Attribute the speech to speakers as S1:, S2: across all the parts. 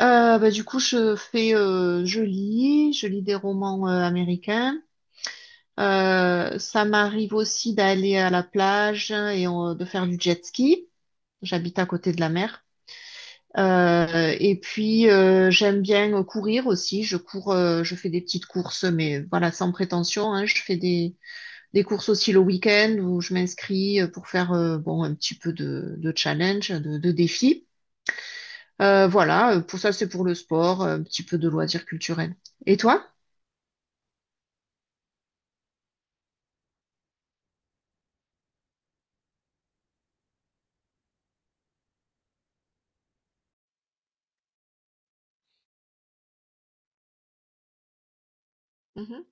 S1: Du coup, je fais, je lis des romans américains. Ça m'arrive aussi d'aller à la plage et de faire du jet ski. J'habite à côté de la mer. Et puis, j'aime bien courir aussi. Je cours, je fais des petites courses, mais voilà, sans prétention, hein. Des courses aussi le week-end où je m'inscris pour faire bon un petit peu de challenge, de défi. Voilà, pour ça, c'est pour le sport, un petit peu de loisirs culturels. Et toi? Mhm.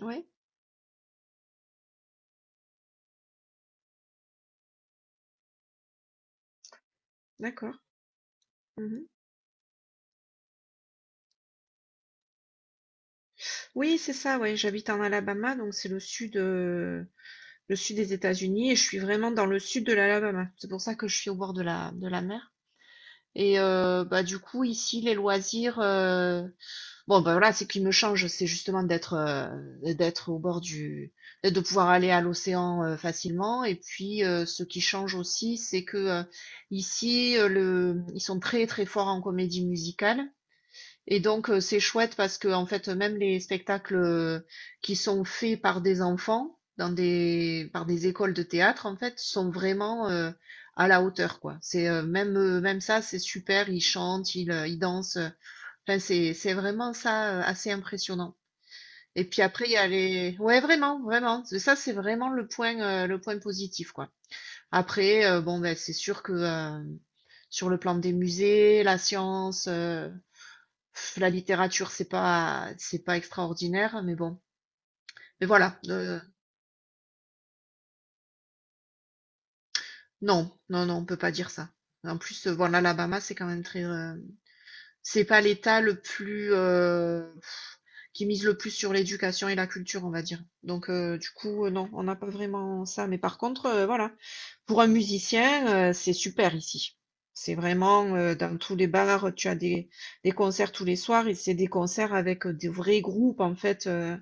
S1: Oui, d'accord. Mhm. Oui, c'est ça, oui. J'habite en Alabama, donc c'est le sud des États-Unis, et je suis vraiment dans le sud de l'Alabama. C'est pour ça que je suis au bord de la mer. Et bah du coup, ici, bon, ben voilà, ce qui me change, c'est justement d'être au de pouvoir aller à l'océan facilement. Et puis, ce qui change aussi, c'est que ici, ils sont très très forts en comédie musicale. Et donc, c'est chouette parce que en fait, même les spectacles qui sont faits par des enfants dans des par des écoles de théâtre, en fait, sont vraiment à la hauteur, quoi. C'est même Même ça, c'est super. Ils chantent, ils dansent. Enfin, c'est vraiment ça, assez impressionnant. Et puis après, il y a les ouais, vraiment, vraiment. C'est ça, c'est vraiment le point positif, quoi. Après, bon, ben c'est sûr que, sur le plan des musées, la science, la littérature, c'est pas extraordinaire, mais bon. Mais voilà, non, non, non, on peut pas dire ça. En plus, voilà, l'Alabama, c'est quand même très, c'est pas l'État le plus qui mise le plus sur l'éducation et la culture, on va dire. Donc du coup, non, on n'a pas vraiment ça. Mais par contre, voilà, pour un musicien, c'est super ici. C'est vraiment dans tous les bars, des concerts tous les soirs et c'est des concerts avec des vrais groupes en fait. euh,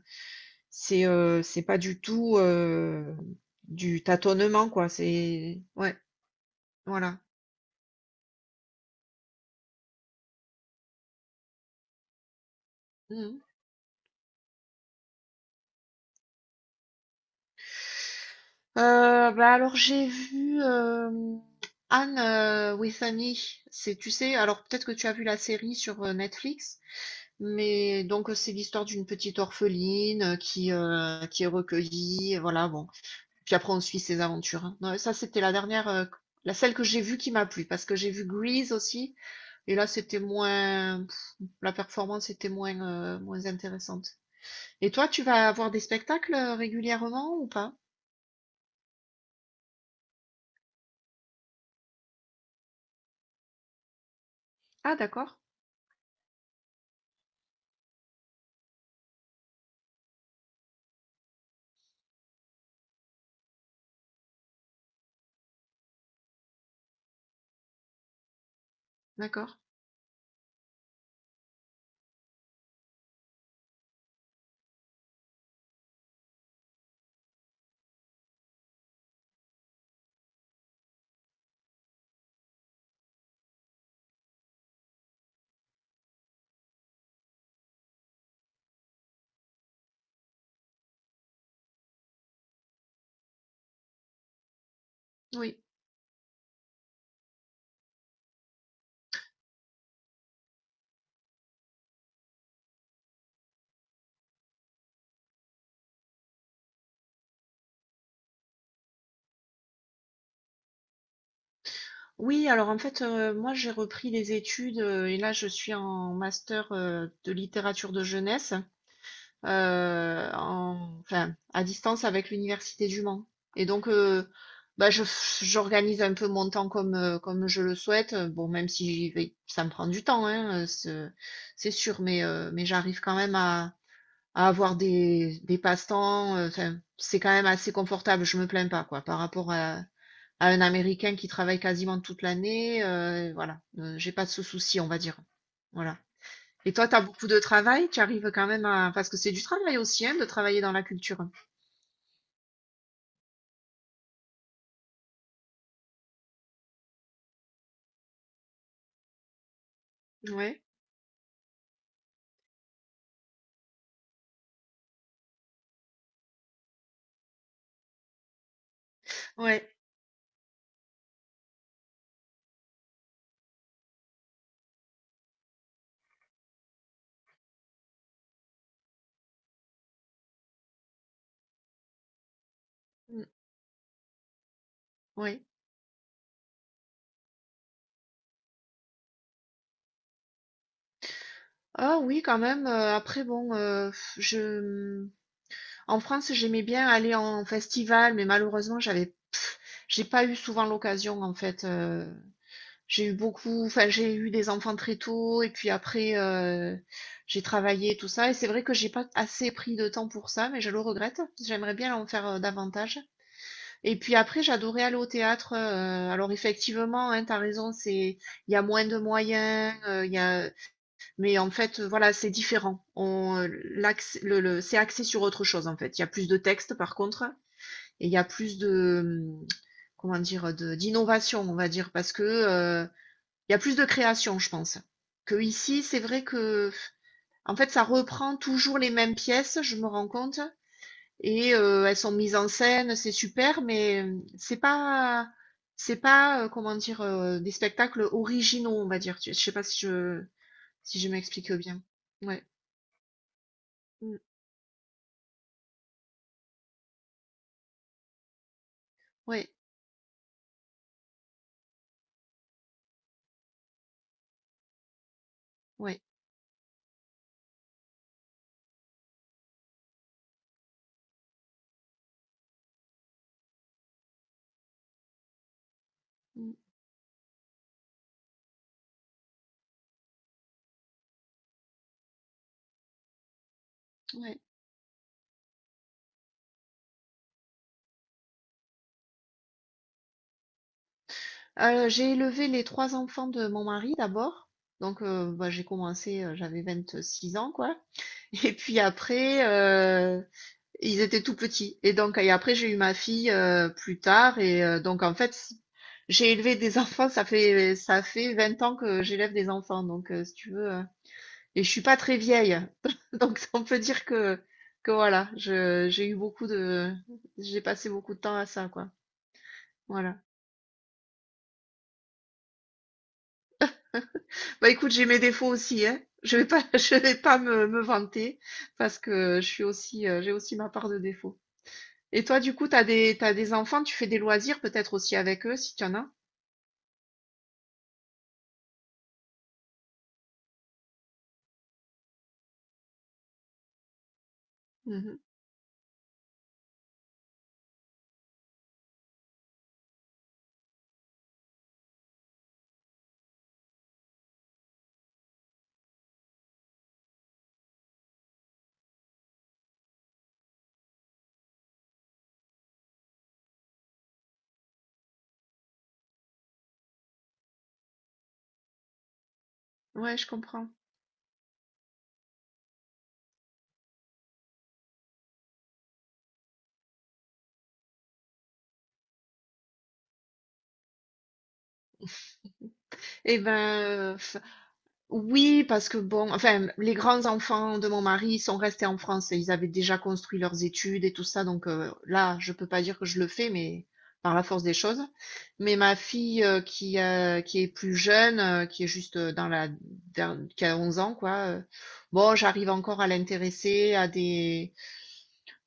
S1: c'est euh, C'est pas du tout du tâtonnement quoi. C'est ouais, voilà. Mm. Bah alors j'ai vu Anne with an E. C'est, tu sais, alors peut-être que tu as vu la série sur Netflix, mais donc c'est l'histoire d'une petite orpheline qui est recueillie, et voilà bon. Puis après on suit ses aventures. Hein. Non, ça c'était la dernière, la celle que j'ai vue qui m'a plu parce que j'ai vu Grease aussi et là c'était moins, pff, la performance était moins moins intéressante. Et toi tu vas avoir des spectacles régulièrement ou pas? Ah d'accord, d'accord, oui. Oui, alors en fait, moi j'ai repris les études, et là je suis en master, de littérature de jeunesse, heu, en enfin à distance avec l'université du Mans et donc bah, je j'organise un peu mon temps comme, comme je le souhaite, bon même si j'y vais ça me prend du temps, hein, ce c'est sûr mais j'arrive quand même à avoir des passe-temps, enfin c'est quand même assez confortable, je me plains pas quoi par rapport à un Américain qui travaille quasiment toute l'année, voilà, j'ai pas de ce souci, on va dire. Voilà. Et toi, tu as beaucoup de travail? Tu arrives quand même à parce que c'est du travail aussi, hein, de travailler dans la culture? Ouais, ouais, mmh, ouais. Ah oui, quand même, après bon, je, mmh, en France, j'aimais bien aller en festival, mais malheureusement, j'ai pas eu souvent l'occasion en fait, j'ai eu beaucoup, enfin j'ai eu des enfants très tôt et puis après j'ai travaillé tout ça et c'est vrai que j'ai pas assez pris de temps pour ça mais je le regrette. J'aimerais bien en faire davantage. Et puis après j'adorais aller au théâtre. Alors effectivement, hein, t'as raison, c'est il y a moins de moyens, il y a mais en fait voilà c'est différent. On l'accès- le- C'est axé sur autre chose en fait. Il y a plus de textes par contre et il y a plus de comment dire de d'innovation on va dire parce que il y a plus de création, je pense. Que ici, c'est vrai que, en fait, ça reprend toujours les mêmes pièces, je me rends compte. Et elles sont mises en scène, c'est super, mais c'est pas, comment dire, des spectacles originaux, on va dire. Je sais pas si je, si je m'explique bien. Ouais, Mm. ouais, ouais, Mm. ouais. J'ai élevé les 3 enfants de mon mari d'abord. Donc, bah, j'ai commencé, j'avais 6 ans, quoi. Et puis après, ils étaient tout petits. Et donc, et après, j'ai eu ma fille plus tard. Et donc, en fait, j'ai élevé des enfants. Ça fait 20 ans que j'élève des enfants. Donc, si tu veux. Et je suis pas très vieille. Donc, on peut dire que voilà, j'ai eu beaucoup de. J'ai passé beaucoup de temps à ça, quoi. Voilà. Bah, écoute, j'ai mes défauts aussi, hein. Je vais pas, je vais pas me vanter parce que je suis aussi, j'ai aussi ma part de défauts. Et toi, du coup, t'as des enfants, tu fais des loisirs peut-être aussi avec eux, si tu en as? Mmh. Ouais, je comprends. Et ben, oui, parce que bon, enfin, les grands-enfants de mon mari sont restés en France et ils avaient déjà construit leurs études et tout ça donc là, je peux pas dire que je le fais mais par la force des choses. Mais ma fille, qui est plus jeune, qui est juste, dans la dern qui a 11 ans quoi, bon, j'arrive encore à l'intéresser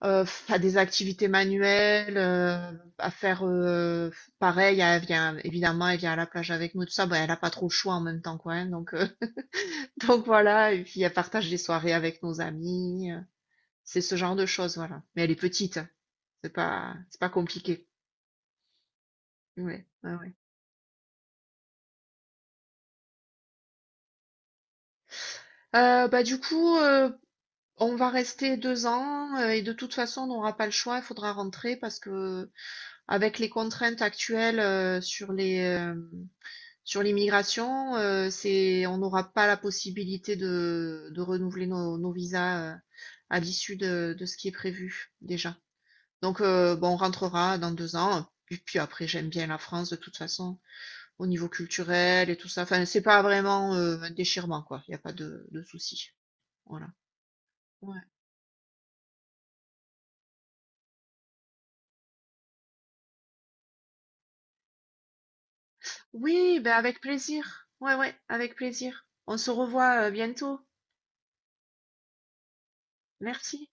S1: À des activités manuelles, à faire, pareil, elle vient évidemment, elle vient à la plage avec nous, tout ça. Bah, elle a pas trop le choix en même temps, quoi, hein, donc donc voilà et puis elle partage des soirées avec nos amis, c'est ce genre de choses, voilà. Mais elle est petite, hein, c'est pas compliqué. Ouais, ouais, ouais. Bah, du coup, on va rester 2 ans, et de toute façon, on n'aura pas le choix, il faudra rentrer parce que avec les contraintes actuelles, sur les, hem sur l'immigration, on n'aura pas la possibilité de renouveler nos, nos visas à l'issue de ce qui est prévu déjà. Donc, bon, on rentrera dans 2 ans. Et puis après, j'aime bien la France de toute façon, au niveau culturel et tout ça. Enfin, c'est pas vraiment un déchirement, quoi. Il n'y a pas de souci. Voilà. Ouais. Oui, ben avec plaisir. Ouais, ouais, avec plaisir. On se revoit bientôt. Merci.